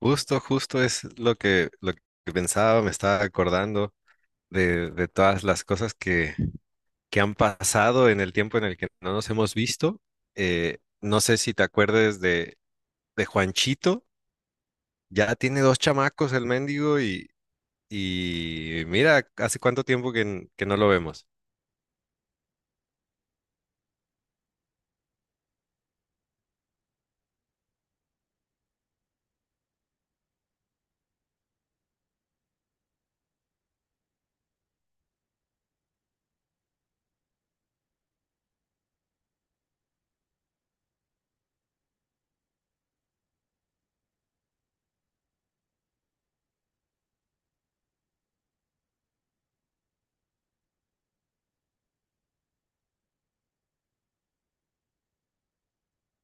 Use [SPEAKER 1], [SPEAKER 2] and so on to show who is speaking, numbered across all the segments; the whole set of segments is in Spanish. [SPEAKER 1] Justo es lo que pensaba, me estaba acordando de todas las cosas que han pasado en el tiempo en el que no nos hemos visto. No sé si te acuerdes de Juanchito, ya tiene dos chamacos el mendigo y mira, hace cuánto tiempo que no lo vemos.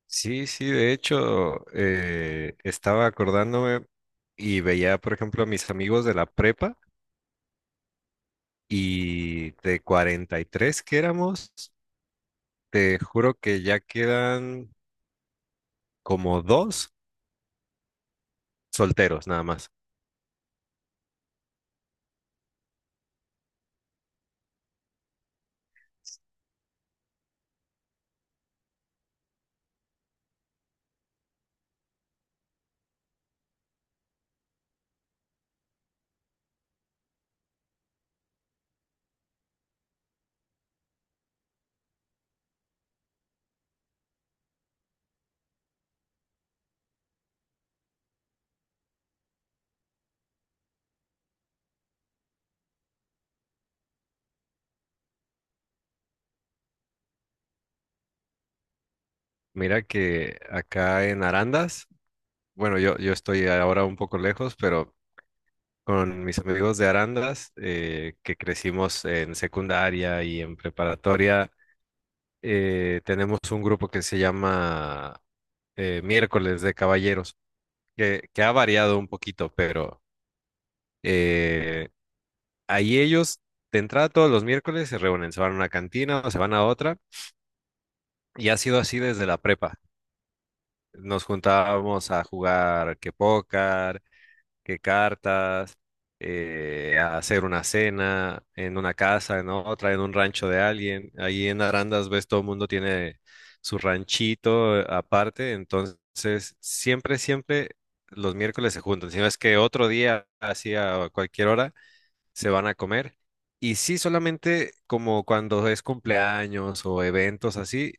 [SPEAKER 1] Sí, sí, de hecho, estaba acordándome y veía, por ejemplo, a mis amigos de la prepa y de 43 que éramos. Te juro que ya quedan como dos solteros nada más. Mira que acá en Arandas, bueno, yo estoy ahora un poco lejos, pero con mis amigos de Arandas, que crecimos en secundaria y en preparatoria, tenemos un grupo que se llama Miércoles de Caballeros, que ha variado un poquito, pero eh, ahí ellos de entrada todos los miércoles se reúnen, se van a una cantina o se van a otra. Y ha sido así desde la prepa. Nos juntábamos a jugar que póker, que cartas, a hacer una cena en una casa, en otra, en un rancho de alguien. Ahí en Arandas, ves, todo el mundo tiene su ranchito aparte. Entonces, siempre, siempre los miércoles se juntan. Si no es que otro día, así a cualquier hora, se van a comer. Y sí, solamente como cuando es cumpleaños o eventos así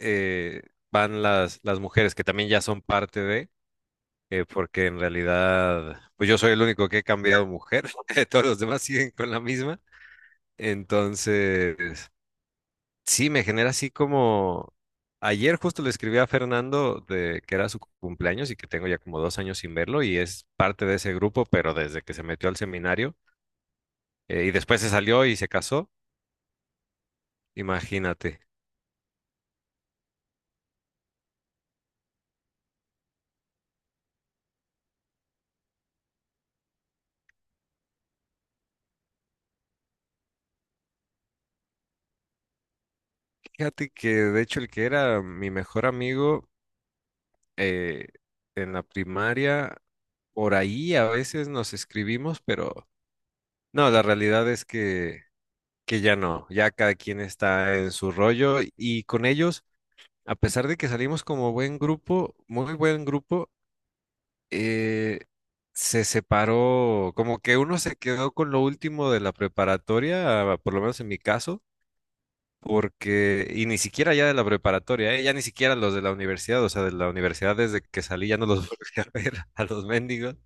[SPEAKER 1] eh, van las mujeres, que también ya son parte de, porque en realidad, pues yo soy el único que he cambiado mujer, todos los demás siguen con la misma. Entonces, sí, me genera así como... Ayer justo le escribí a Fernando de que era su cumpleaños y que tengo ya como 2 años sin verlo y es parte de ese grupo, pero desde que se metió al seminario y después se salió y se casó, imagínate. Fíjate que de hecho el que era mi mejor amigo eh, en la primaria, por ahí a veces nos escribimos, pero no, la realidad es que ya no, ya cada quien está en su rollo y con ellos, a pesar de que salimos como buen grupo, muy buen grupo, eh, se separó, como que uno se quedó con lo último de la preparatoria, por lo menos en mi caso. Porque, y ni siquiera ya de la preparatoria, ¿eh? Ya ni siquiera los de la universidad, o sea, de la universidad desde que salí ya no los volví a ver a los mendigos.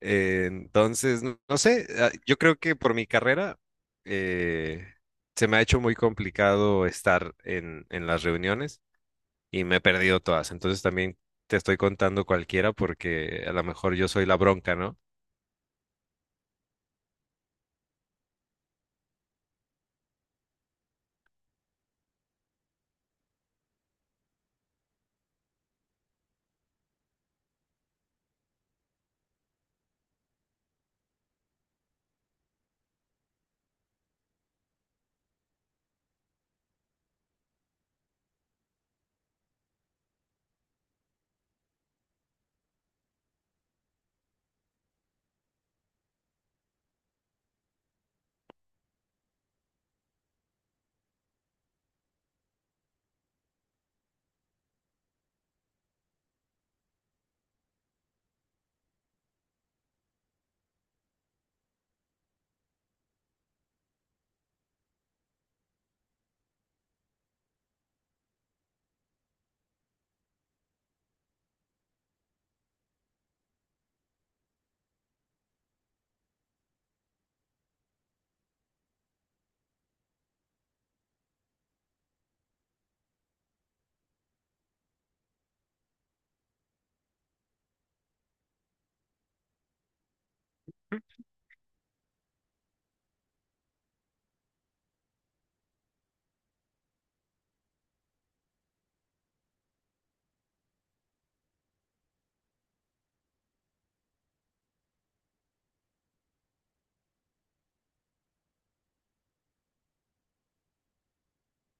[SPEAKER 1] Entonces, no, no sé, ah, yo creo que por mi carrera eh, se me ha hecho muy complicado estar en las reuniones y me he perdido todas. Entonces también te estoy contando cualquiera porque a lo mejor yo soy la bronca, ¿no?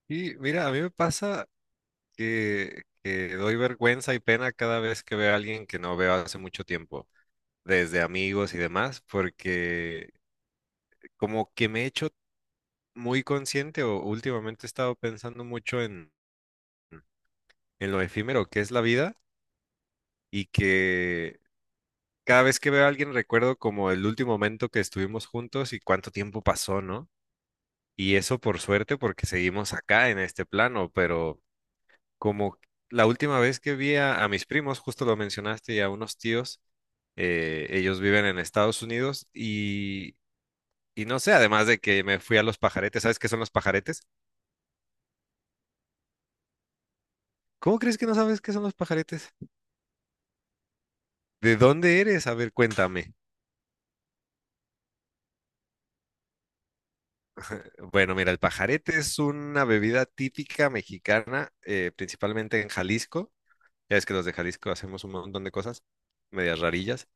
[SPEAKER 1] Y mira, a mí me pasa que doy vergüenza y pena cada vez que veo a alguien que no veo hace mucho tiempo, desde amigos y demás, porque como que me he hecho muy consciente o últimamente he estado pensando mucho en lo efímero que es la vida y que cada vez que veo a alguien recuerdo como el último momento que estuvimos juntos y cuánto tiempo pasó, ¿no? Y eso por suerte porque seguimos acá en este plano, pero como la última vez que vi a mis primos, justo lo mencionaste, y a unos tíos, ellos viven en Estados Unidos y... Y no sé, además de que me fui a los pajaretes, ¿sabes qué son los pajaretes? ¿Cómo crees que no sabes qué son los pajaretes? ¿De dónde eres? A ver, cuéntame. Bueno, mira, el pajarete es una bebida típica mexicana, principalmente en Jalisco. Ya es que los de Jalisco hacemos un montón de cosas, medias rarillas.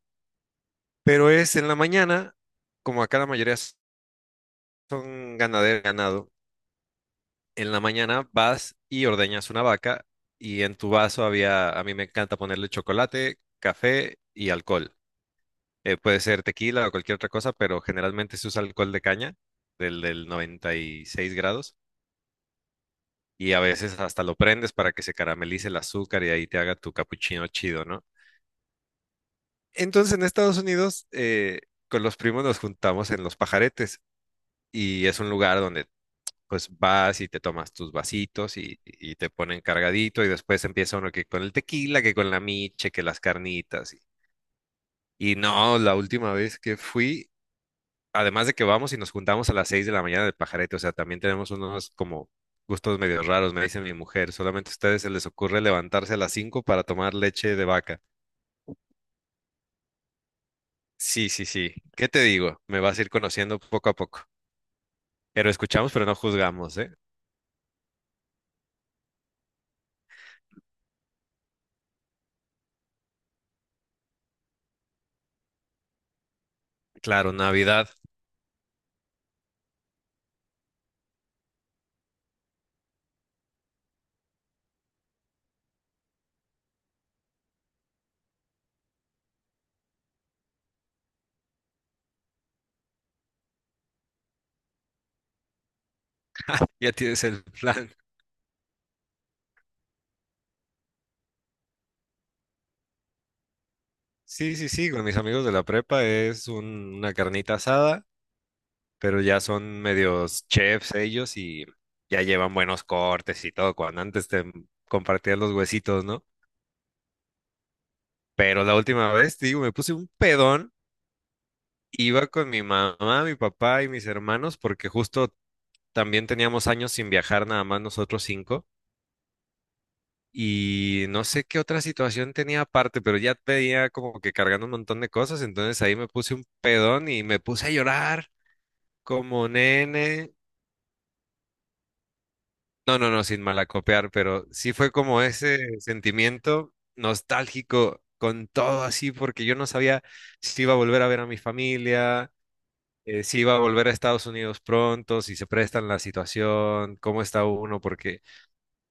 [SPEAKER 1] Pero es en la mañana, como acá la mayoría son ganadero ganado, en la mañana vas y ordeñas una vaca y en tu vaso había, a mí me encanta ponerle chocolate, café y alcohol. Puede ser tequila o cualquier otra cosa, pero generalmente se usa alcohol de caña, del 96 grados, y a veces hasta lo prendes para que se caramelice el azúcar y ahí te haga tu capuchino chido, ¿no? Entonces en Estados Unidos, con los primos nos juntamos en Los Pajaretes y es un lugar donde pues vas y te tomas tus vasitos y te ponen cargadito y después empieza uno que con el tequila, que con la miche, que las carnitas. Y no, la última vez que fui además de que vamos y nos juntamos a las 6 de la mañana del pajarete, o sea, también tenemos unos como gustos medio raros, me dice mi mujer, solamente a ustedes se les ocurre levantarse a las 5 para tomar leche de vaca. Sí, sí, sí. ¿Qué te digo? Me vas a ir conociendo poco a poco. Pero escuchamos, pero no juzgamos, ¿eh? Claro, Navidad. Ya tienes el plan. Sí, sí, sí, con mis amigos de la prepa es una carnita asada, pero ya son medios chefs ellos y ya llevan buenos cortes y todo, cuando antes te compartían los huesitos, ¿no? Pero la última vez, te digo, me puse un pedón, iba con mi mamá, mi papá y mis hermanos, porque justo también teníamos años sin viajar, nada más nosotros cinco. Y no sé qué otra situación tenía aparte, pero ya tenía como que cargando un montón de cosas, entonces ahí me puse un pedón y me puse a llorar como nene. No, no, no, sin malacopear, pero sí fue como ese sentimiento nostálgico con todo así, porque yo no sabía si iba a volver a ver a mi familia, si va a volver a Estados Unidos pronto, si se prestan la situación, cómo está uno, porque,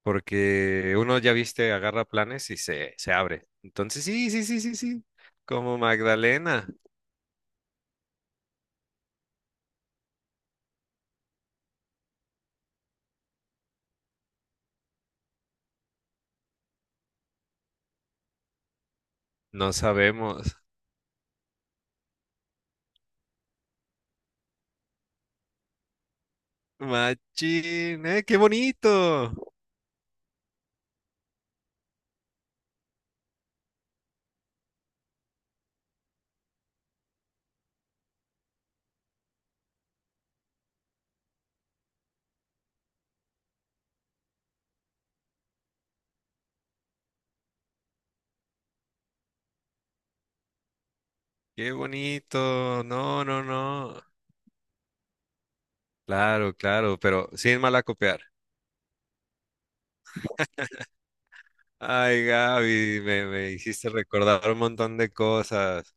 [SPEAKER 1] porque uno ya viste, agarra planes y se abre. Entonces, sí, sí, sí, sí, sí. Como Magdalena, no sabemos. Machín, qué bonito, qué bonito. No, no, no. Claro, claro, pero sin malacopear. Ay, Gaby, me hiciste recordar un montón de cosas.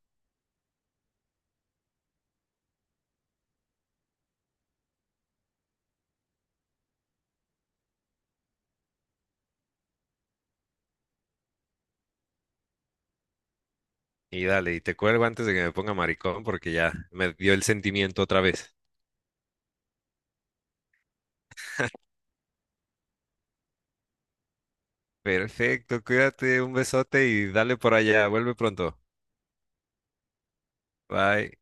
[SPEAKER 1] Y dale, y te cuelgo antes de que me ponga maricón porque ya me dio el sentimiento otra vez. Perfecto, cuídate, un besote y dale por allá, vuelve pronto. Bye.